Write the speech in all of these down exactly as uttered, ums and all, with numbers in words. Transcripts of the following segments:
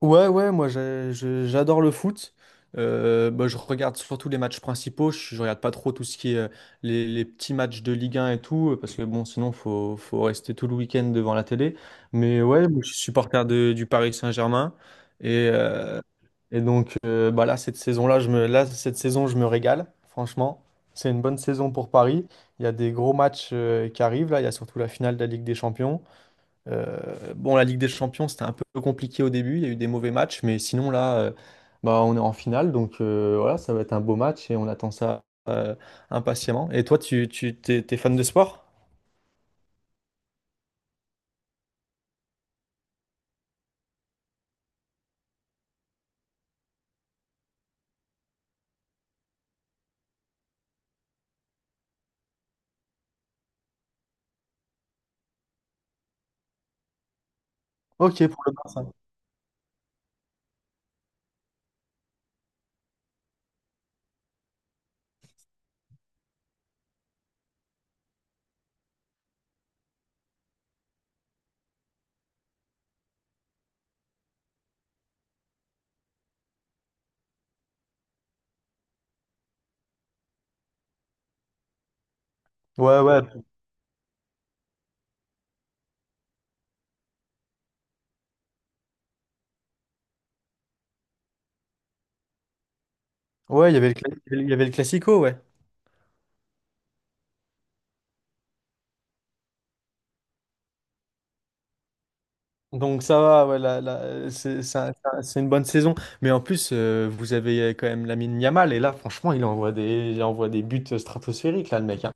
Ouais, ouais, moi j'ai- je- j'adore le foot. Euh, bah, je regarde surtout les matchs principaux. Je, je regarde pas trop tout ce qui est euh, les, les petits matchs de Ligue un et tout, euh, parce que bon, sinon faut, faut rester tout le week-end devant la télé. Mais ouais, moi, je suis supporter de- du Paris Saint-Germain. Et, euh, et donc euh, bah là, cette saison-là, je me, là, cette saison, je me régale, franchement. C'est une bonne saison pour Paris. Il y a des gros matchs euh, qui arrivent là. Il y a surtout la finale de la Ligue des Champions. Euh, bon, la Ligue des Champions, c'était un peu compliqué au début. Il y a eu des mauvais matchs, mais sinon, là, euh, bah, on est en finale. Donc, euh, voilà, ça va être un beau match et on attend ça euh, impatiemment. Et toi, tu, tu t'es, t'es fan de sport? Ok, pour le Barça. Ouais, ouais. Ouais, il y avait le, cla- il y avait le Classico, ouais. Donc, ça va, ouais, là là c'est c'est un- c'est un- c'est une bonne saison. Mais en plus, euh, vous avez quand même Lamine Yamal. Et là, franchement, il envoie des, il envoie des buts stratosphériques, là, le mec, hein.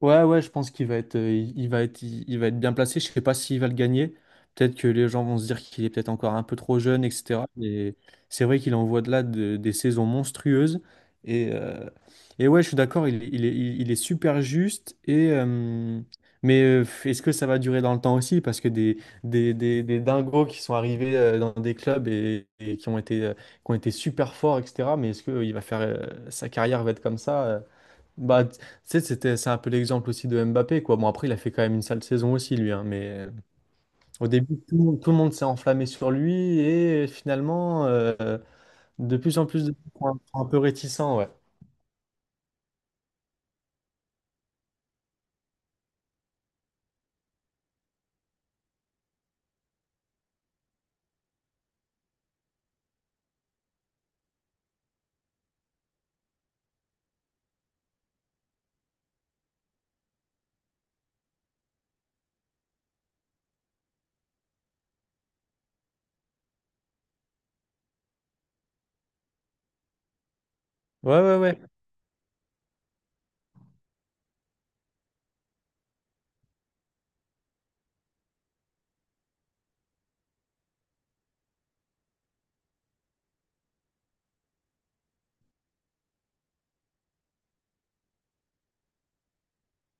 Ouais, ouais, je pense qu'il va être, euh, il il va être, il, il va être bien placé. Je sais pas s'il va le gagner. Peut-être que les gens vont se dire qu'il est peut-être encore un peu trop jeune, et cetera. Mais c'est vrai qu'il envoie de là de- des saisons monstrueuses. Et, euh, et ouais, je suis d'accord, il, il est, il il est super juste. Et, euh, mais euh, est-ce que ça va durer dans le temps aussi? Parce que des, des, des, des dingos qui sont arrivés euh, dans des clubs et, et qui ont été, euh, qui ont été super forts, et cetera. Mais est-ce que euh, il va faire, euh, sa carrière va être comme ça? Euh? Bah, tu sais, c'était, c'est un peu l'exemple aussi de Mbappé, quoi. Bon, après, il a fait quand même une sale saison aussi, lui, hein, mais euh, au début, tout le monde, tout le monde s'est enflammé sur lui et finalement, euh, de plus en plus de gens sont un sont un peu réticents, ouais. Ouais, ouais, ouais.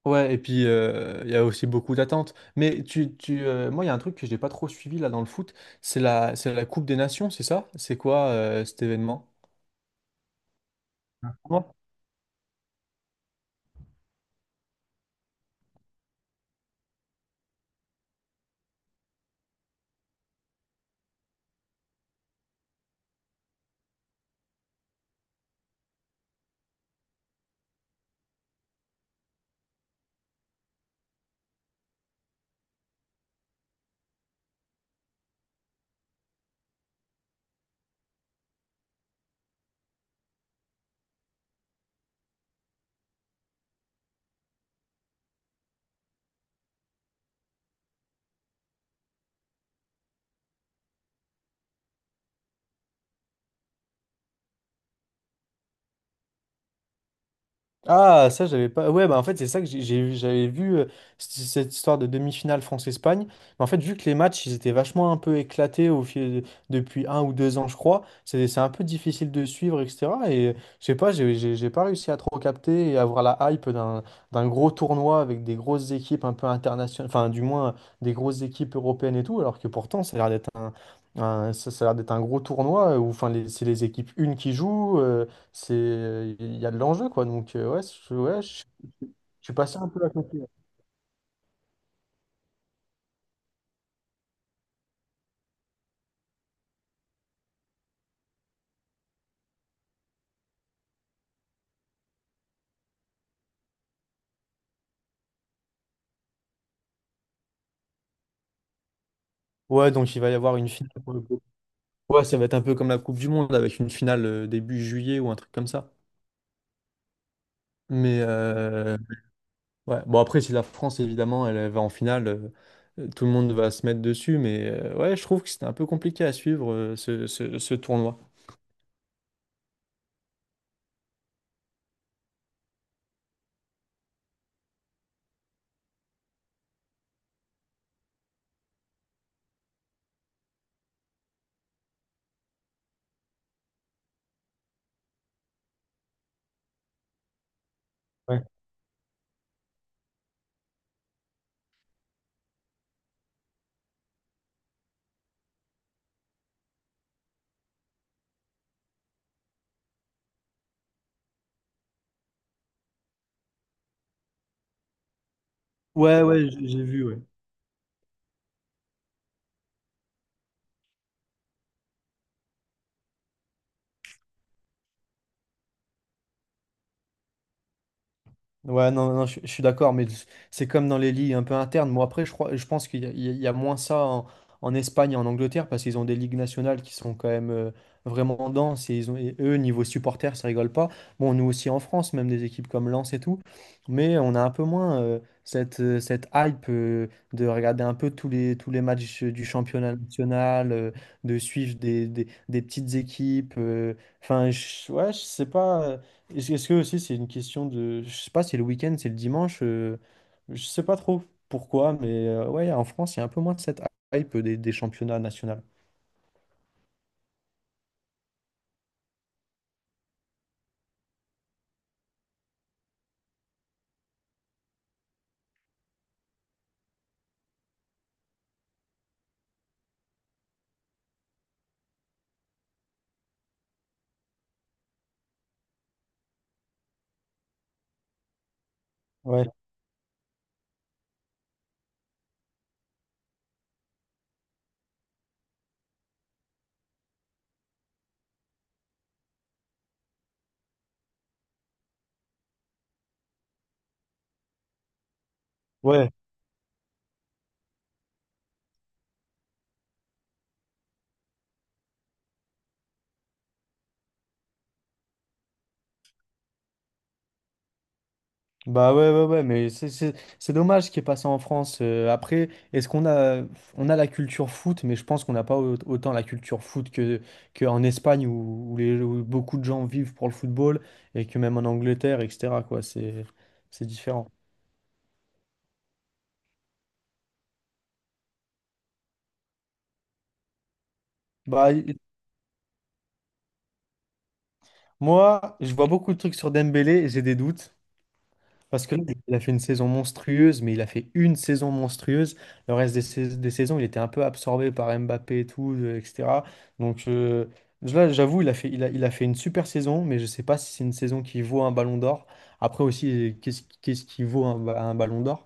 Ouais, et puis, euh, il y a aussi beaucoup d'attentes. Mais tu, tu, euh, moi, il y a un truc que j'ai pas trop suivi là dans le foot, c'est la, c'est la Coupe des Nations, c'est ça? C'est quoi euh, cet événement? Ah, ça, j'avais pas. Ouais, bah en fait, c'est ça que j'ai, j'ai- j'avais vu euh, c- cette histoire de demi-finale France-Espagne. Mais en fait, vu que les matchs, ils étaient vachement un peu éclatés au fil depuis un ou deux ans, je crois, c'est c'est un peu difficile de suivre, et cetera. Et euh, je sais pas, j'ai j'ai- j'ai pas réussi à trop capter et avoir la hype d'un d'un gros tournoi avec des grosses équipes un peu internationales, enfin, du moins, euh, des grosses équipes européennes et tout, alors que pourtant, ça a l'air d'être un, un- ça, ça a l'air d'être un gros tournoi où enfin, les- c'est les équipes une qui jouent. Euh, c'est, il y a de l'enjeu, quoi. Donc, euh, ouais, je, ouais, je, je suis passé un peu à côté. Ouais, donc il va y avoir une finale pour le coup. Ouais, ça va être un peu comme la Coupe du Monde avec une finale euh, début juillet ou un truc comme ça. Mais euh, ouais, bon, après, si la France, évidemment, elle, elle va en finale, euh, euh, tout le monde va se mettre dessus. Mais euh, ouais, je trouve que c'était un peu compliqué à suivre euh, ce, ce- ce tournoi. Ouais, ouais, ouais, j'ai j'ai vu, ouais. Ouais, non, non, je, je suis d'accord, mais c'est comme dans les ligues un peu internes. Moi, après, je crois, je pense qu'il y, a il y a- il y a moins ça en, en Espagne et en Angleterre parce qu'ils ont des ligues nationales qui sont quand même euh, vraiment denses et, ils ont, et eux, niveau supporters, ça rigole pas. Bon, nous aussi en France, même des équipes comme Lens et tout, mais on a un peu moins euh, cette, euh, cette hype euh, de regarder un peu tous les, tous les matchs du championnat national, euh, de suivre des, des- des petites équipes. Euh. Enfin, je- ouais, je sais pas. euh, est-ce est-ce que aussi c'est une question de... Je sais pas, c'est le week-end, c'est le dimanche, euh, je sais pas trop pourquoi, mais euh, ouais, en France, il y a un peu moins de cette hype des, des championnats nationaux. Ouais, ouais, bah ouais, ouais, ouais, mais c'est c'est- c'est dommage ce qui est passé en France. Euh, après, est-ce qu'on a, On a la culture foot, mais je pense qu'on n'a pas au- autant la culture foot que, qu'en Espagne où, où les, où beaucoup de gens vivent pour le football et que même en Angleterre, et cetera, quoi, c'est c'est différent. Bah, moi, je vois beaucoup de trucs sur Dembélé et j'ai des doutes. Parce que là, il a fait une saison monstrueuse, mais il a fait une saison monstrueuse. Le reste des, sais- des saisons, il était un peu absorbé par Mbappé et tout, euh, et cetera. Donc euh, là, j'avoue, il a fait, il a, il a fait une super saison, mais je ne sais pas si c'est une saison qui vaut un ballon d'or. Après aussi, qu'est-ce, qu'est-ce qui vaut un, ba- un ballon d'or?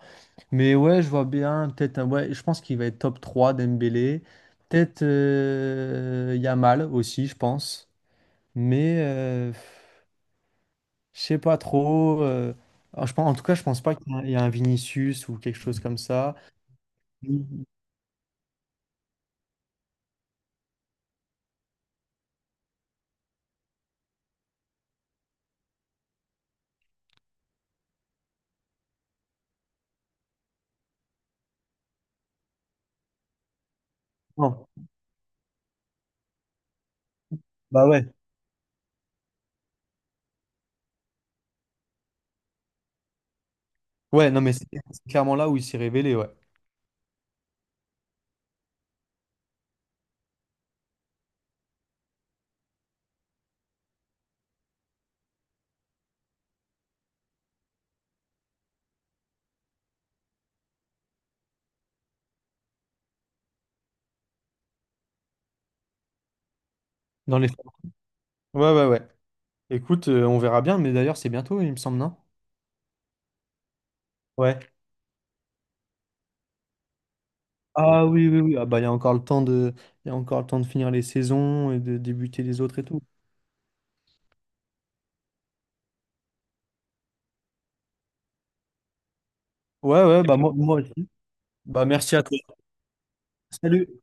Mais ouais, je vois bien, peut-être, un- ouais, je pense qu'il va être top trois, Dembélé. Peut-être euh, Yamal aussi, je pense. Mais... euh, je sais pas trop. Euh, alors, je pense, en tout cas, je pense pas qu'il y a, un il y a un Vinicius ou quelque chose comme ça. Non. Bah ouais. Ouais, non, mais c'est c'est clairement là où il s'est révélé, ouais. Dans les... Ouais, ouais, ouais. Écoute, euh, on verra bien, mais d'ailleurs, c'est bientôt, il me semble, non? Ouais. Ah oui, oui, oui. Ah bah, il y a encore le temps de... il y a encore le temps de finir les saisons et de débuter les autres et tout. Ouais, ouais, bah moi, moi aussi. Bah merci à toi. Salut.